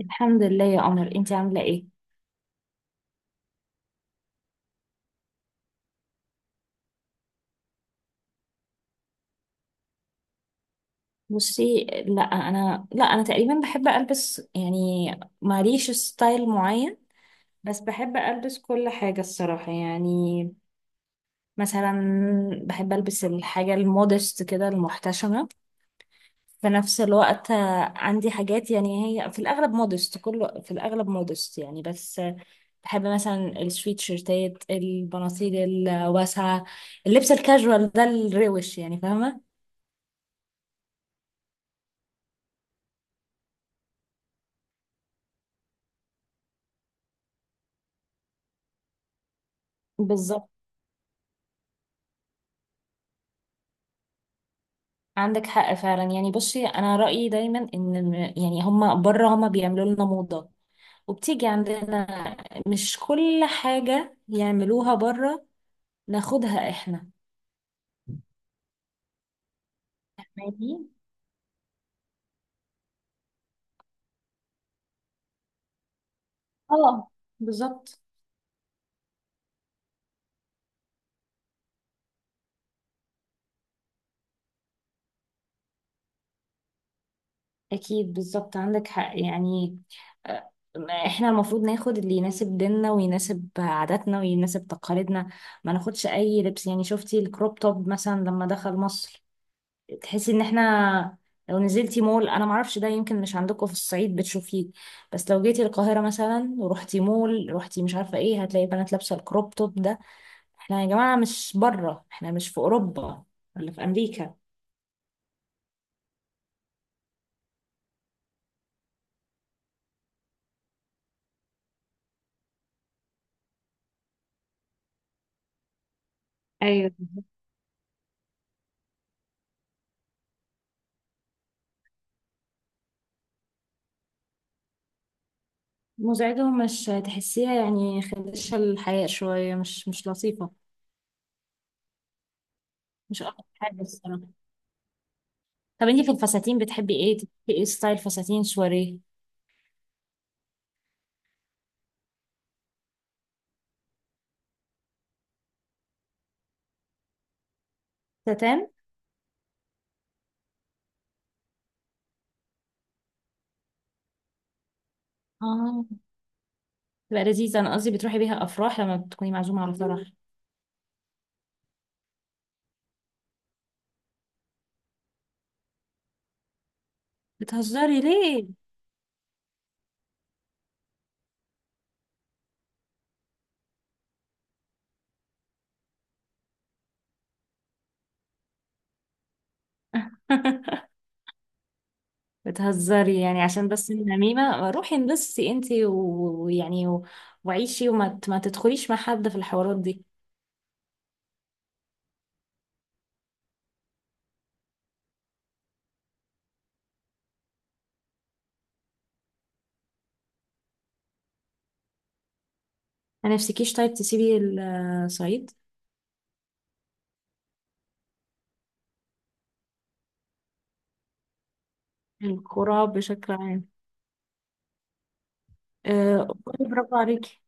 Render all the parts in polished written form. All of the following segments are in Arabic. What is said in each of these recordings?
الحمد لله يا قمر، انتي عامله ايه؟ بصي، لا انا تقريبا بحب البس يعني. ماليش ستايل معين، بس بحب البس كل حاجه الصراحه يعني. مثلا بحب البس الحاجه المودست كده المحتشمه. في نفس الوقت عندي حاجات يعني هي في الاغلب مودست، كله في الاغلب مودست يعني، بس بحب مثلا السويت شيرتات، البناطيل الواسعه، اللبس الكاجوال ده الروش يعني، فاهمه؟ بالظبط، عندك حق فعلا يعني. بصي، انا رأيي دايما ان يعني هما بره هما بيعملوا لنا موضة وبتيجي عندنا. مش كل حاجة يعملوها بره ناخدها احنا. فاهمين. اه، بالظبط. اكيد، بالظبط عندك حق يعني. آه، احنا المفروض ناخد اللي يناسب ديننا ويناسب عاداتنا ويناسب تقاليدنا، ما ناخدش اي لبس. يعني شفتي الكروب توب مثلا لما دخل مصر؟ تحسي ان احنا، لو نزلتي مول، انا معرفش ده يمكن مش عندكم في الصعيد بتشوفيه، بس لو جيتي القاهرة مثلا ورحتي مول، رحتي مش عارفة ايه، هتلاقي بنات لابسة الكروب توب ده. احنا يا جماعة مش بره، احنا مش في اوروبا ولا في امريكا. ايوه، مزعجة، ومش تحسيها يعني خدشة الحياة شوية، مش مش لطيفة. مش أكتر حاجة الصراحة. طب انتي في الفساتين بتحبي ايه؟ تحبي ايه، ستايل فساتين سواريه؟ ستان؟ اه، تبقى لذيذة. انا قصدي بتروحي بيها افراح لما بتكوني معزومة على فرح. بتهزري ليه؟ بتهزري يعني عشان بس النميمة؟ روحي انبسطي انتي وعيشي وما ما تدخليش مع حد في الحوارات دي. ما نفسكيش طيب تسيبي الصعيد؟ الكرة بشكل عام؟ أه والله، برافو عليكي.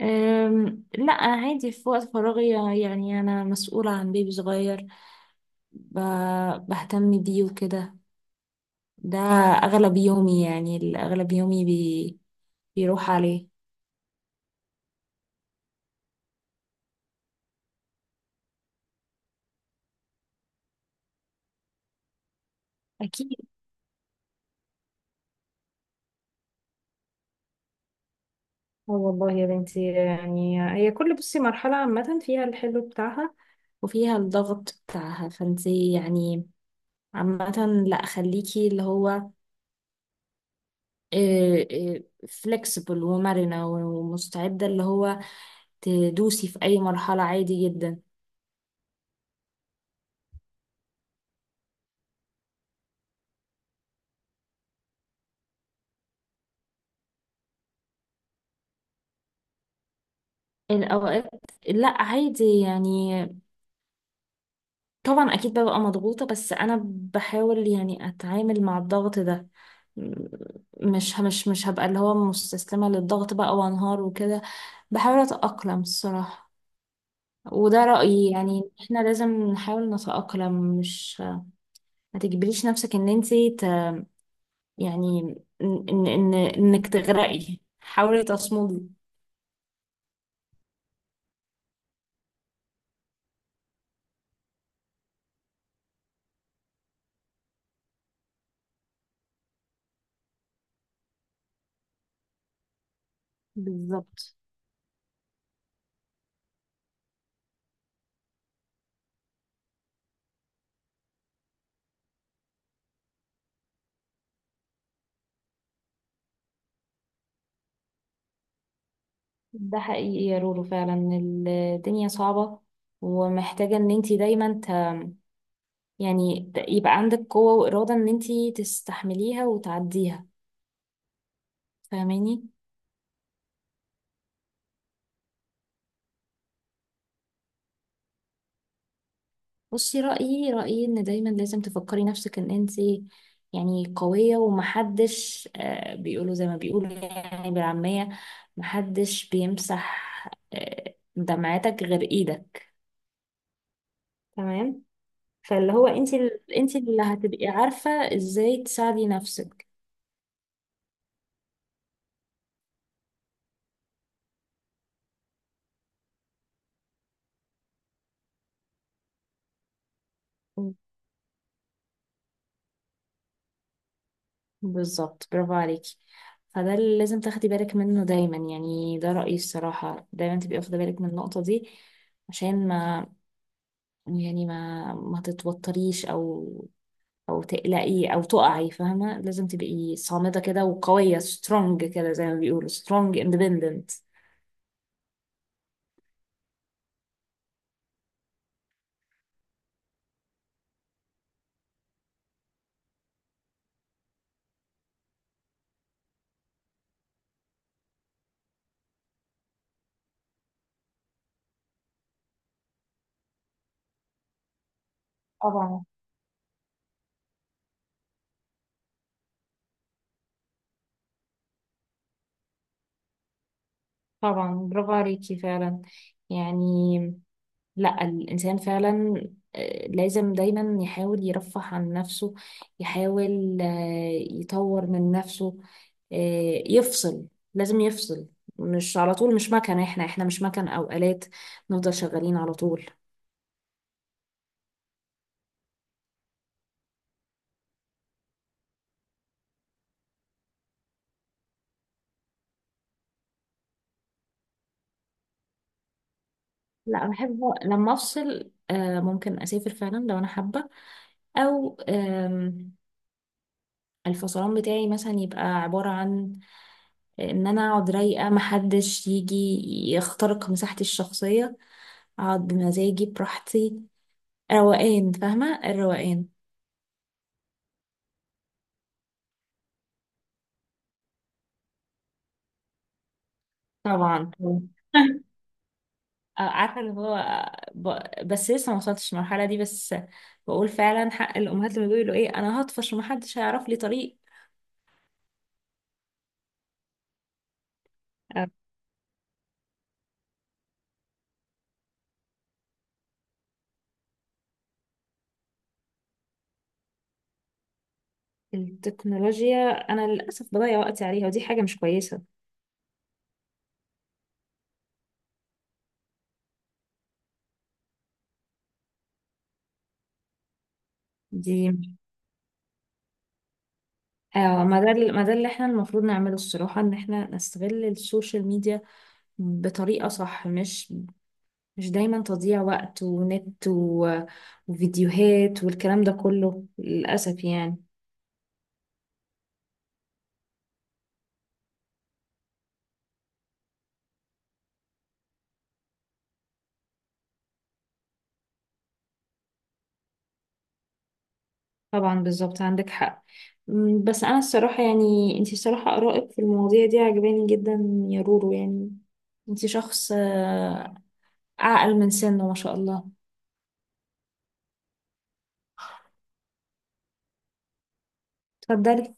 لا عادي. في وقت فراغي يعني أنا مسؤولة عن بيبي صغير، بهتم بيه وكده. ده أغلب يومي، يعني أغلب يومي بي، بيروح عليه. أكيد. اه والله يا بنتي، يعني هي كل، بصي، مرحلة عامة فيها الحلو بتاعها وفيها الضغط بتاعها، فانتي يعني عامة لا خليكي اللي هو فلكسبل ومرنة ومستعدة، اللي هو تدوسي في أي مرحلة عادي جدا. الأوقات، لا عادي يعني. طبعا أكيد ببقى مضغوطة، بس أنا بحاول يعني أتعامل مع الضغط ده. مش هبقى اللي هو مستسلمة للضغط بقى وانهار وكده، بحاول اتأقلم الصراحة. وده رأيي، يعني احنا لازم نحاول نتأقلم، مش ما تجبريش نفسك ان انتي ت... يعني ان ان انك تغرقي، حاولي تصمدي. بالظبط، ده حقيقي يا رورو فعلا. الدنيا صعبة ومحتاجة ان انتي دايما ت... يعني يبقى عندك قوة وإرادة ان انتي تستحمليها وتعديها، فاهماني؟ بصي، رأيي إن دايما لازم تفكري نفسك إن أنت يعني قوية ومحدش، بيقولوا زي ما بيقولوا يعني بالعامية، محدش بيمسح دمعتك غير إيدك، تمام؟ فاللي هو أنت أنت اللي هتبقي عارفة إزاي تساعدي نفسك. بالظبط، برافو عليكي. فده اللي لازم تاخدي بالك منه دايما، يعني ده رأيي الصراحة، دايما تبقي واخدة بالك من النقطة دي، عشان ما يعني ما تتوتريش او او تقلقي او تقعي، فاهمه؟ لازم تبقي صامده كده وقويه، سترونج كده زي ما بيقولوا، سترونج اندبندنت. طبعا. طبعا، برافو عليكي فعلا يعني. لا الانسان فعلا لازم دايما يحاول يرفه عن نفسه، يحاول يطور من نفسه، يفصل، لازم يفصل. مش على طول، مش مكنه، احنا مش مكن او آلات نفضل شغالين على طول. لا، بحب لما افصل ممكن اسافر فعلا لو انا حابه، او الفصلان بتاعي مثلا يبقى عباره عن ان انا اقعد رايقه، محدش يجي يخترق مساحتي الشخصيه، اقعد بمزاجي براحتي، روقان، فاهمه الروقان؟ طبعا. عارفه اللي هو، بس لسه ما وصلتش المرحله دي، بس بقول فعلا حق الامهات لما بيقولوا ايه انا هطفش ومحدش هيعرف لي طريق. التكنولوجيا انا للاسف بضيع وقتي عليها، ودي حاجه مش كويسه. دي آه، ما ده اللي احنا المفروض نعمله الصراحه، ان احنا نستغل السوشيال ميديا بطريقه صح، مش مش دايما تضييع وقت ونت وفيديوهات والكلام ده كله للاسف يعني. طبعا، بالظبط عندك حق. بس انا الصراحه يعني، انتي الصراحه ارائك في المواضيع دي عجباني جدا يا رورو، يعني انتي شخص اعقل من سنه ما شاء الله. اتفضلي.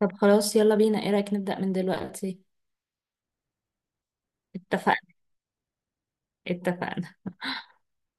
طب خلاص يلا بينا، ايه رأيك نبدأ من دلوقتي؟ اتفقنا. اتفقنا.